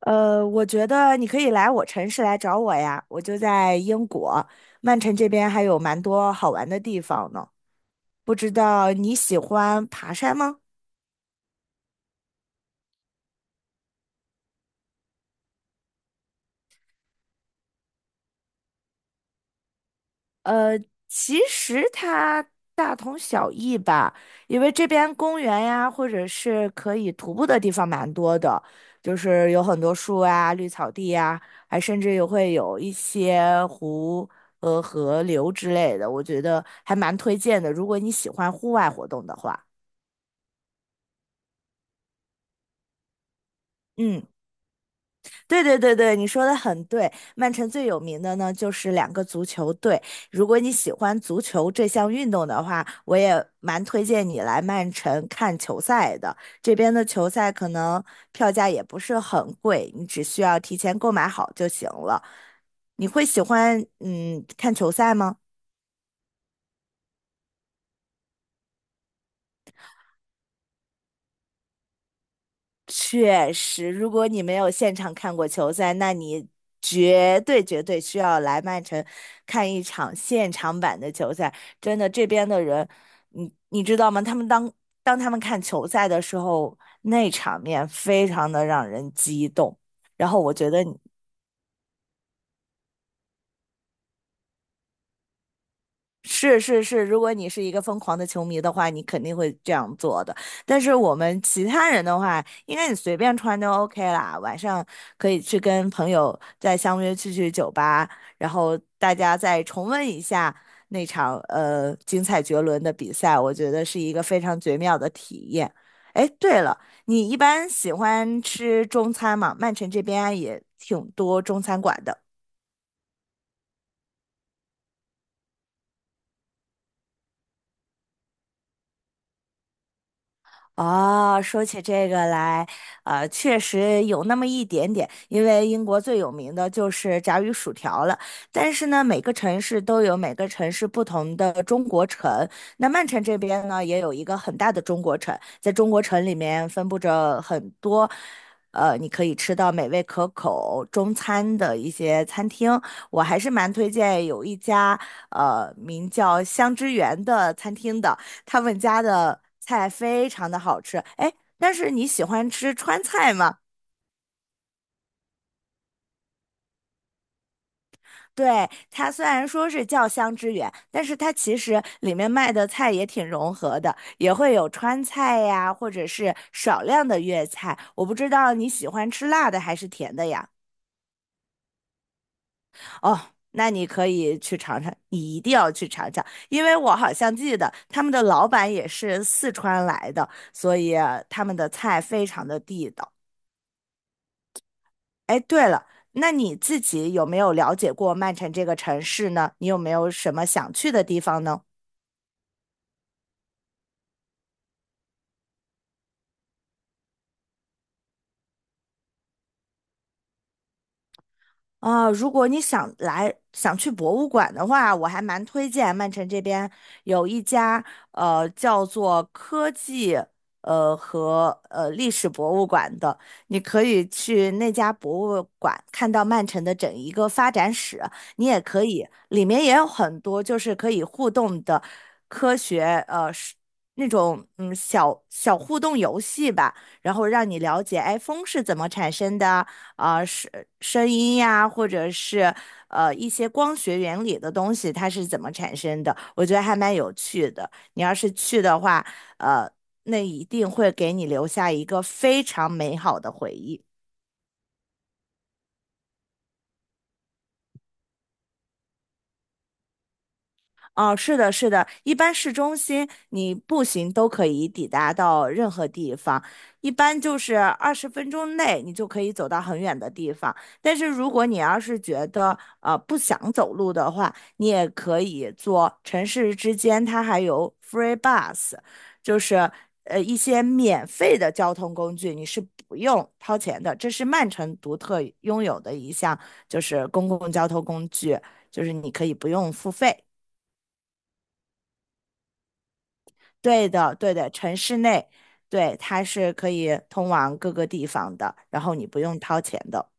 我觉得你可以来我城市来找我呀，我就在英国，曼城这边还有蛮多好玩的地方呢。不知道你喜欢爬山吗？呃，其实它大同小异吧，因为这边公园呀，或者是可以徒步的地方蛮多的，就是有很多树啊、绿草地呀，还甚至也会有一些湖和河流之类的，我觉得还蛮推荐的，如果你喜欢户外活动的话。嗯，对对对对，你说的很对。曼城最有名的呢，就是两个足球队。如果你喜欢足球这项运动的话，我也蛮推荐你来曼城看球赛的。这边的球赛可能票价也不是很贵，你只需要提前购买好就行了。你会喜欢看球赛吗？确实，如果你没有现场看过球赛，那你绝对绝对需要来曼城看一场现场版的球赛。真的，这边的人，你知道吗？他们当他们看球赛的时候，那场面非常的让人激动。然后我觉得你是是是，如果你是一个疯狂的球迷的话，你肯定会这样做的。但是我们其他人的话，应该你随便穿都 OK 啦。晚上可以去跟朋友再相约去酒吧，然后大家再重温一下那场精彩绝伦的比赛，我觉得是一个非常绝妙的体验。哎，对了，你一般喜欢吃中餐吗？曼城这边也挺多中餐馆的。哦，说起这个来，确实有那么一点点，因为英国最有名的就是炸鱼薯条了。但是呢，每个城市都有每个城市不同的中国城。那曼城这边呢，也有一个很大的中国城，在中国城里面分布着很多，你可以吃到美味可口中餐的一些餐厅。我还是蛮推荐有一家，名叫香之源的餐厅的。他们家的菜非常的好吃。哎，但是你喜欢吃川菜吗？对，它虽然说是叫香之源，但是它其实里面卖的菜也挺融合的，也会有川菜呀，或者是少量的粤菜。我不知道你喜欢吃辣的还是甜的呀？哦，那你可以去尝尝，你一定要去尝尝，因为我好像记得他们的老板也是四川来的，所以他们的菜非常的地道。哎，对了，那你自己有没有了解过曼城这个城市呢？你有没有什么想去的地方呢？啊，如果你想来想去博物馆的话，我还蛮推荐曼城这边有一家叫做科技和历史博物馆的，你可以去那家博物馆看到曼城的整一个发展史，你也可以里面也有很多就是可以互动的科学是那种小小互动游戏吧。然后让你了解，iPhone 是怎么产生的啊，声音呀，或者是一些光学原理的东西，它是怎么产生的？我觉得还蛮有趣的。你要是去的话，呃，那一定会给你留下一个非常美好的回忆。哦，是的，是的，一般市中心你步行都可以抵达到任何地方，一般就是20分钟内你就可以走到很远的地方。但是如果你要是觉得不想走路的话，你也可以坐城市之间，它还有 free bus，就是一些免费的交通工具，你是不用掏钱的。这是曼城独特拥有的一项，就是公共交通工具，就是你可以不用付费。对的，对的，城市内，对，它是可以通往各个地方的，然后你不用掏钱的。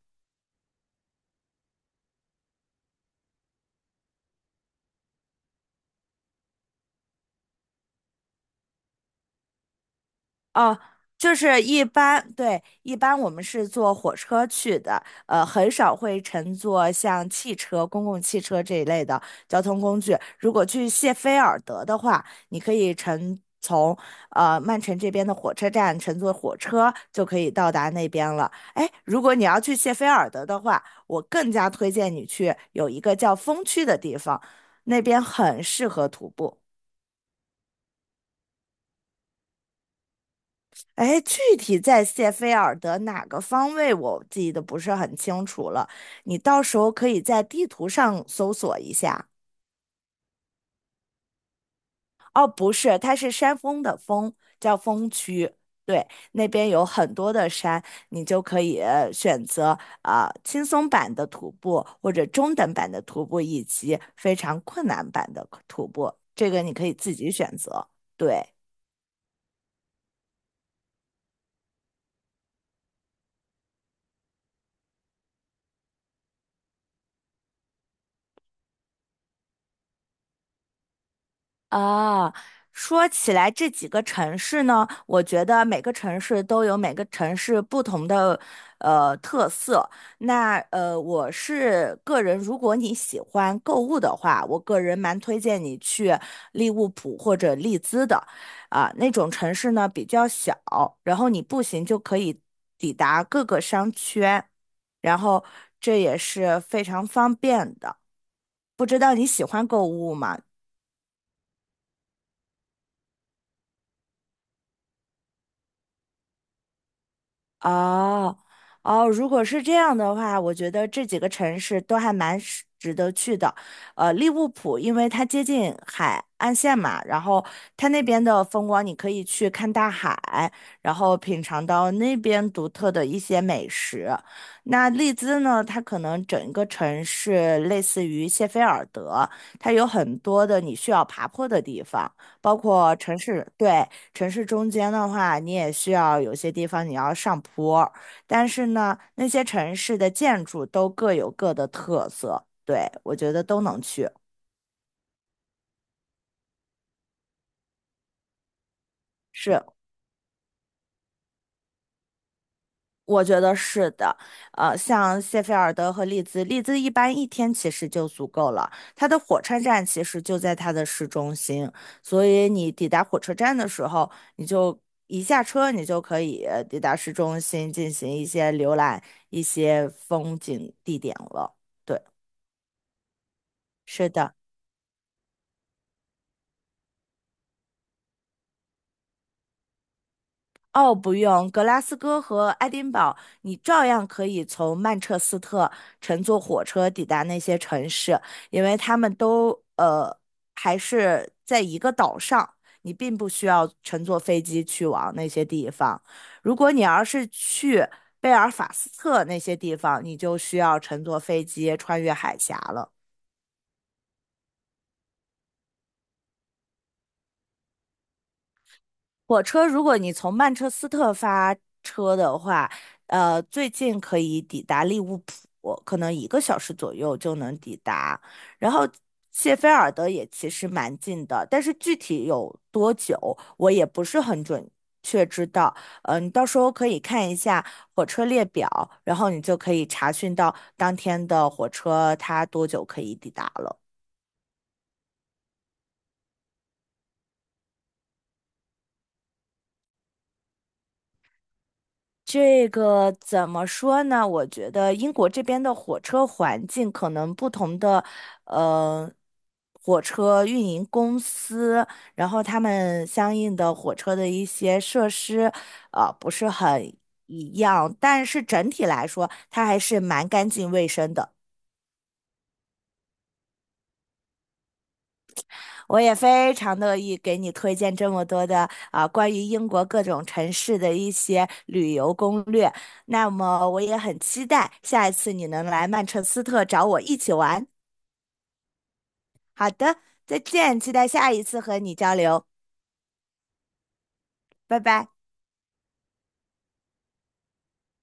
哦，就是一般，对，一般我们是坐火车去的，很少会乘坐像汽车、公共汽车这一类的交通工具。如果去谢菲尔德的话，你可以从曼城这边的火车站乘坐火车就可以到达那边了。哎，如果你要去谢菲尔德的话，我更加推荐你去有一个叫风区的地方，那边很适合徒步。哎，具体在谢菲尔德哪个方位，我记得不是很清楚了。你到时候可以在地图上搜索一下。哦，不是，它是山峰的峰，叫峰区。对，那边有很多的山，你就可以选择啊、轻松版的徒步，或者中等版的徒步，以及非常困难版的徒步。这个你可以自己选择。对。啊，说起来这几个城市呢，我觉得每个城市都有每个城市不同的特色。那我是个人，如果你喜欢购物的话，我个人蛮推荐你去利物浦或者利兹的，啊、那种城市呢比较小，然后你步行就可以抵达各个商圈，然后这也是非常方便的。不知道你喜欢购物吗？哦哦，如果是这样的话，我觉得这几个城市都还蛮是值得去的。利物浦，因为它接近海岸线嘛，然后它那边的风光，你可以去看大海，然后品尝到那边独特的一些美食。那利兹呢，它可能整个城市类似于谢菲尔德，它有很多的你需要爬坡的地方，包括城市，对。城市中间的话，你也需要有些地方你要上坡，但是呢，那些城市的建筑都各有各的特色，对，我觉得都能去。是，我觉得是的。像谢菲尔德和利兹，利兹一般一天其实就足够了，它的火车站其实就在它的市中心，所以你抵达火车站的时候，你就。一下车，你就可以抵达市中心进行一些浏览、一些风景地点了。对。是的，哦，不用，格拉斯哥和爱丁堡，你照样可以从曼彻斯特乘坐火车抵达那些城市，因为他们都呃还是在一个岛上，你并不需要乘坐飞机去往那些地方。如果你要是去贝尔法斯特那些地方，你就需要乘坐飞机穿越海峡了。火车，如果你从曼彻斯特发车的话，最近可以抵达利物浦，可能1个小时左右就能抵达。然后谢菲尔德也其实蛮近的，但是具体有多久，我也不是很准确知道。嗯，你到时候可以看一下火车列表，然后你就可以查询到当天的火车它多久可以抵达了。这个怎么说呢？我觉得英国这边的火车环境可能不同的，呃，火车运营公司，然后他们相应的火车的一些设施，不是很一样，但是整体来说，它还是蛮干净卫生的。我也非常乐意给你推荐这么多的啊，关于英国各种城市的一些旅游攻略。那么我也很期待下一次你能来曼彻斯特找我一起玩。好的，再见，期待下一次和你交流，拜拜。